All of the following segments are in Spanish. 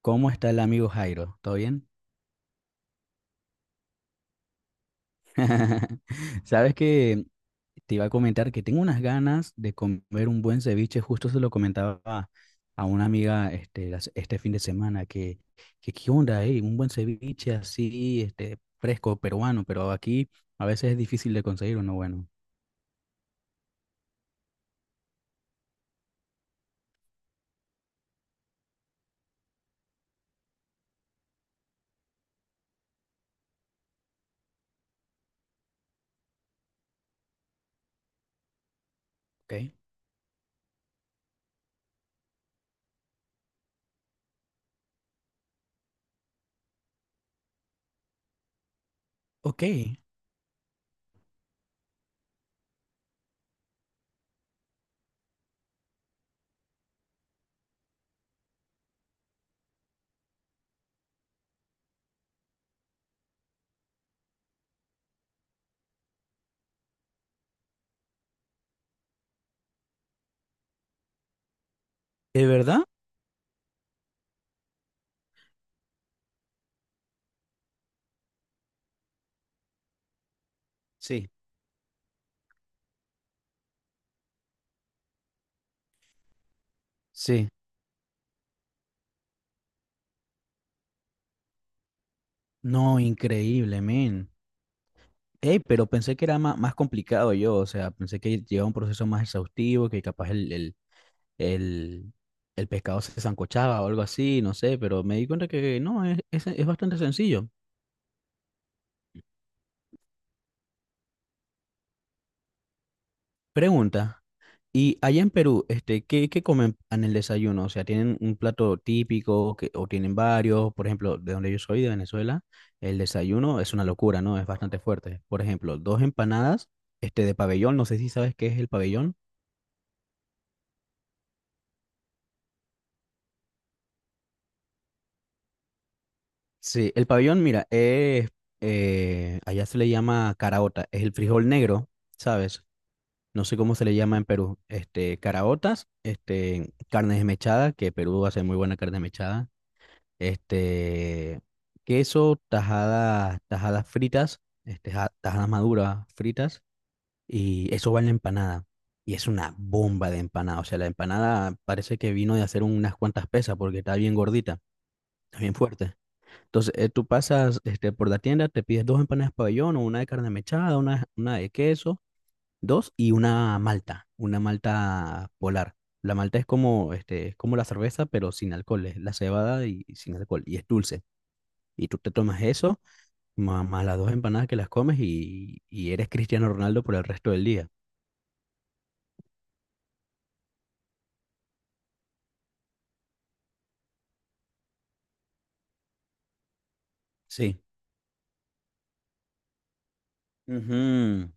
¿Cómo está el amigo Jairo? ¿Todo bien? Sabes que te iba a comentar que tengo unas ganas de comer un buen ceviche. Justo se lo comentaba a una amiga este fin de semana que qué onda, ¿eh? Un buen ceviche así, este, fresco, peruano, pero aquí a veces es difícil de conseguir uno bueno. Ok. Ok. ¿De verdad? Sí. Sí. No, increíble, men. Ey, pero pensé que era más complicado yo, o sea, pensé que llevaba un proceso más exhaustivo, que capaz el, el pescado se sancochaba o algo así, no sé, pero me di cuenta que no, es bastante sencillo. Pregunta, ¿y allá en Perú, este, qué comen en el desayuno? O sea, ¿tienen un plato típico que, o tienen varios? Por ejemplo, de donde yo soy, de Venezuela, el desayuno es una locura, ¿no? Es bastante fuerte. Por ejemplo, dos empanadas, este, de pabellón, no sé si sabes qué es el pabellón. Sí, el pabellón, mira, es, allá se le llama caraota, es el frijol negro, ¿sabes? No sé cómo se le llama en Perú, este, caraotas, este, carne desmechada, que Perú hace muy buena carne desmechada, este, queso, tajadas, tajadas fritas, este, tajadas maduras fritas, y eso va en la empanada. Y es una bomba de empanada, o sea, la empanada parece que vino de hacer unas cuantas pesas porque está bien gordita, está bien fuerte. Entonces, tú pasas este, por la tienda, te pides dos empanadas pabellón o una de carne mechada, una de queso. Dos y una malta polar. La malta es como, este, es como la cerveza, pero sin alcohol, es la cebada y sin alcohol, y es dulce. Y tú te tomas eso, más las dos empanadas que las comes y eres Cristiano Ronaldo por el resto del día. Sí. Ujú.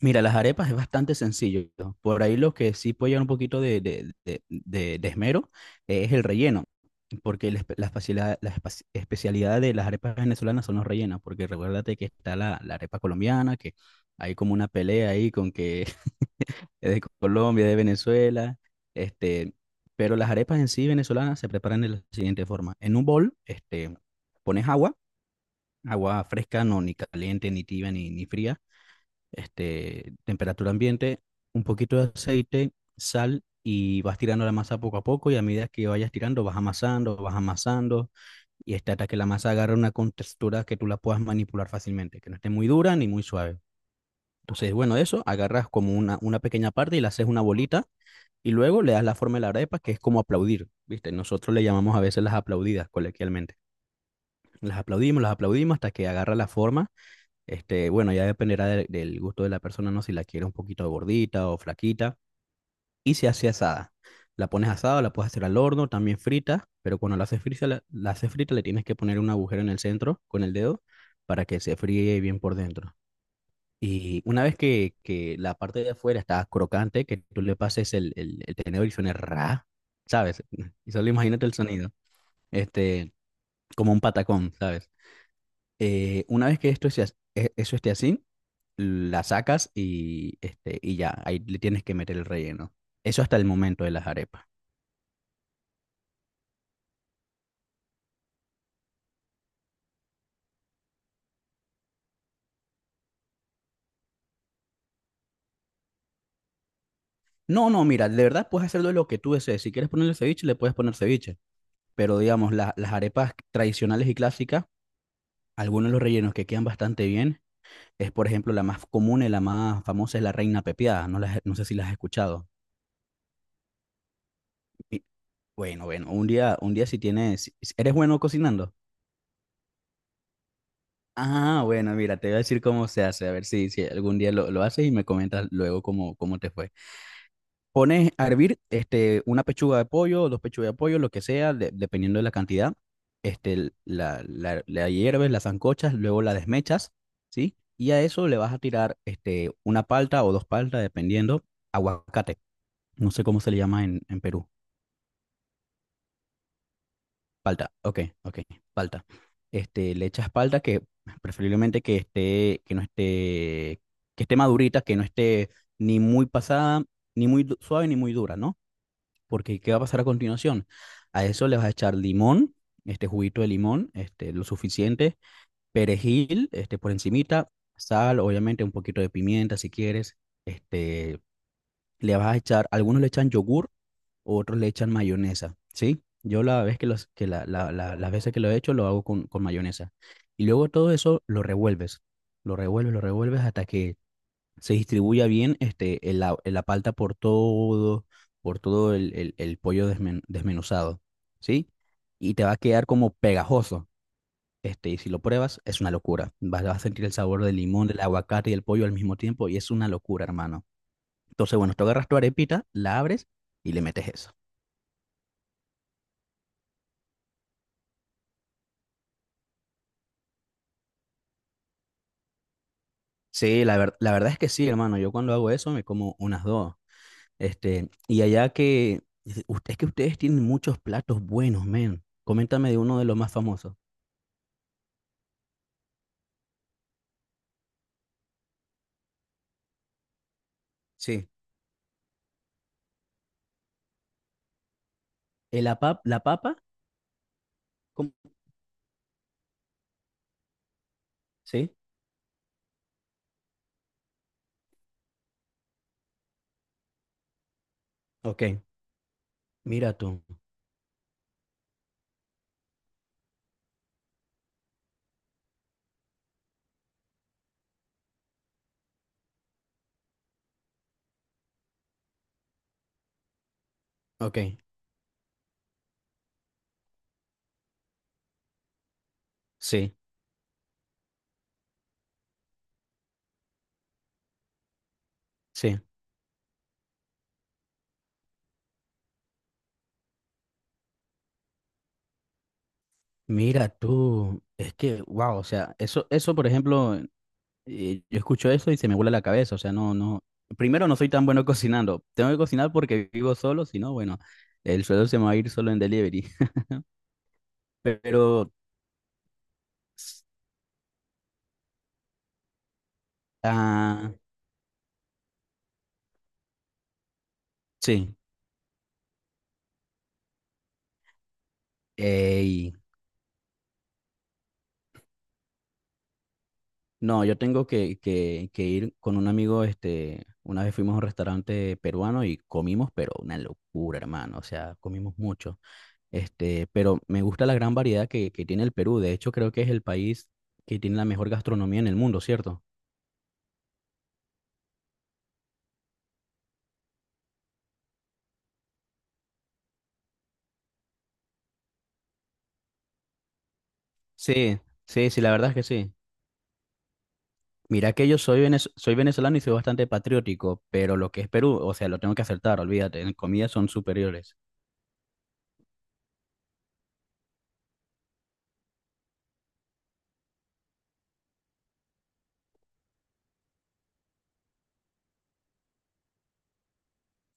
Mira, las arepas es bastante sencillo. Por ahí lo que sí puede llevar un poquito de, de esmero es el relleno, porque la facilidad- la espa- especialidad de las arepas venezolanas son los rellenos, porque recuérdate que está la arepa colombiana, que hay como una pelea ahí con que es de Colombia, de Venezuela, este, pero las arepas en sí venezolanas se preparan de la siguiente forma. En un bol, este, pones agua, agua fresca, no ni caliente, ni tibia, ni fría, este, temperatura ambiente, un poquito de aceite, sal y vas tirando la masa poco a poco y a medida que vayas tirando vas amasando y este, hasta que la masa agarre una contextura que tú la puedas manipular fácilmente, que no esté muy dura ni muy suave. Entonces, bueno, eso, agarras como una pequeña parte y la haces una bolita y luego le das la forma de la arepa, que es como aplaudir, ¿viste? Nosotros le llamamos a veces las aplaudidas coloquialmente. Las aplaudimos hasta que agarra la forma, este, bueno, ya dependerá del gusto de la persona, ¿no? Si la quiere un poquito gordita o flaquita. Y se hace asada. La pones asada, la puedes hacer al horno, también frita, pero cuando la haces frita, la haces frita, le tienes que poner un agujero en el centro con el dedo para que se fríe bien por dentro. Y una vez que la parte de afuera está crocante, que tú le pases el tenedor y suene ra, ¿sabes? Y solo imagínate el sonido, este, como un patacón, ¿sabes? Una vez que esto esté, eso esté así, la sacas y, este, y ya, ahí le tienes que meter el relleno. Eso hasta el momento de las arepas. No, no, mira, de verdad puedes hacerlo de lo que tú desees. Si quieres ponerle ceviche, le puedes poner ceviche. Pero digamos, las arepas tradicionales y clásicas, algunos de los rellenos que quedan bastante bien es, por ejemplo, la más común y la más famosa es la reina pepiada. No, no sé si las has escuchado. Y bueno, un día si tienes, si ¿eres bueno cocinando? Ah, bueno, mira, te voy a decir cómo se hace, a ver si algún día lo haces y me comentas luego cómo, cómo te fue. Pones a hervir este, una pechuga de pollo, dos pechugas de pollo, lo que sea, dependiendo de la cantidad. Este, la hierves, la sancochas, luego la desmechas, ¿sí? Y a eso le vas a tirar este, una palta o dos paltas, dependiendo, aguacate. No sé cómo se le llama en Perú. Palta, ok, ok, palta. Este, le echas palta que preferiblemente que esté, que no esté, que esté madurita, que no esté ni muy pasada, ni muy du- suave, ni muy dura, ¿no? Porque ¿qué va a pasar a continuación? A eso le vas a echar limón, este juguito de limón, este, lo suficiente, perejil, este, por encimita, sal, obviamente un poquito de pimienta si quieres, este, le vas a echar, algunos le echan yogur, o otros le echan mayonesa, ¿sí? Yo la vez que las veces que lo he hecho lo hago con mayonesa. Y luego todo eso lo revuelves, lo revuelves, lo revuelves hasta que se distribuya bien este, la palta por todo el pollo desmenuzado, ¿sí? Y te va a quedar como pegajoso. Este, y si lo pruebas, es una locura. Vas a sentir el sabor del limón, del aguacate y del pollo al mismo tiempo, y es una locura, hermano. Entonces, bueno, tú agarras tu arepita, la abres y le metes eso. Sí, la verdad es que sí, hermano. Yo cuando hago eso me como unas dos. Este, y allá que, usted, es que ustedes tienen muchos platos buenos, men. Coméntame de uno de los más famosos. Sí. La papa? ¿Cómo? Sí. Ok. Mira tú. Ok. Sí, sí. Mira tú. Es que, wow, o sea, eso, por ejemplo, yo escucho eso y se me vuela la cabeza. O sea, no, no. Primero, no soy tan bueno cocinando. Tengo que cocinar porque vivo solo, si no, bueno, el sueldo se me va a ir solo en delivery. Pero, ah, sí. Ey, no, yo tengo que, que ir con un amigo, este, una vez fuimos a un restaurante peruano y comimos, pero una locura, hermano, o sea, comimos mucho. Este, pero me gusta la gran variedad que tiene el Perú, de hecho creo que es el país que tiene la mejor gastronomía en el mundo, ¿cierto? Sí, sí, sí, la verdad es que sí. Mira que yo soy, soy venezolano y soy bastante patriótico, pero lo que es Perú, o sea, lo tengo que acertar, olvídate, en comida son superiores.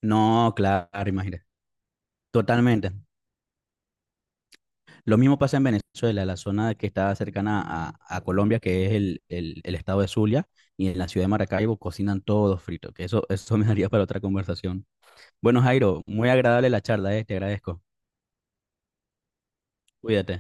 No, claro, imagínate. Totalmente. Lo mismo pasa en Venezuela, la zona que está cercana a Colombia, que es el estado de Zulia, y en la ciudad de Maracaibo cocinan todos frito. Que eso me daría para otra conversación. Bueno, Jairo, muy agradable la charla, te agradezco. Cuídate.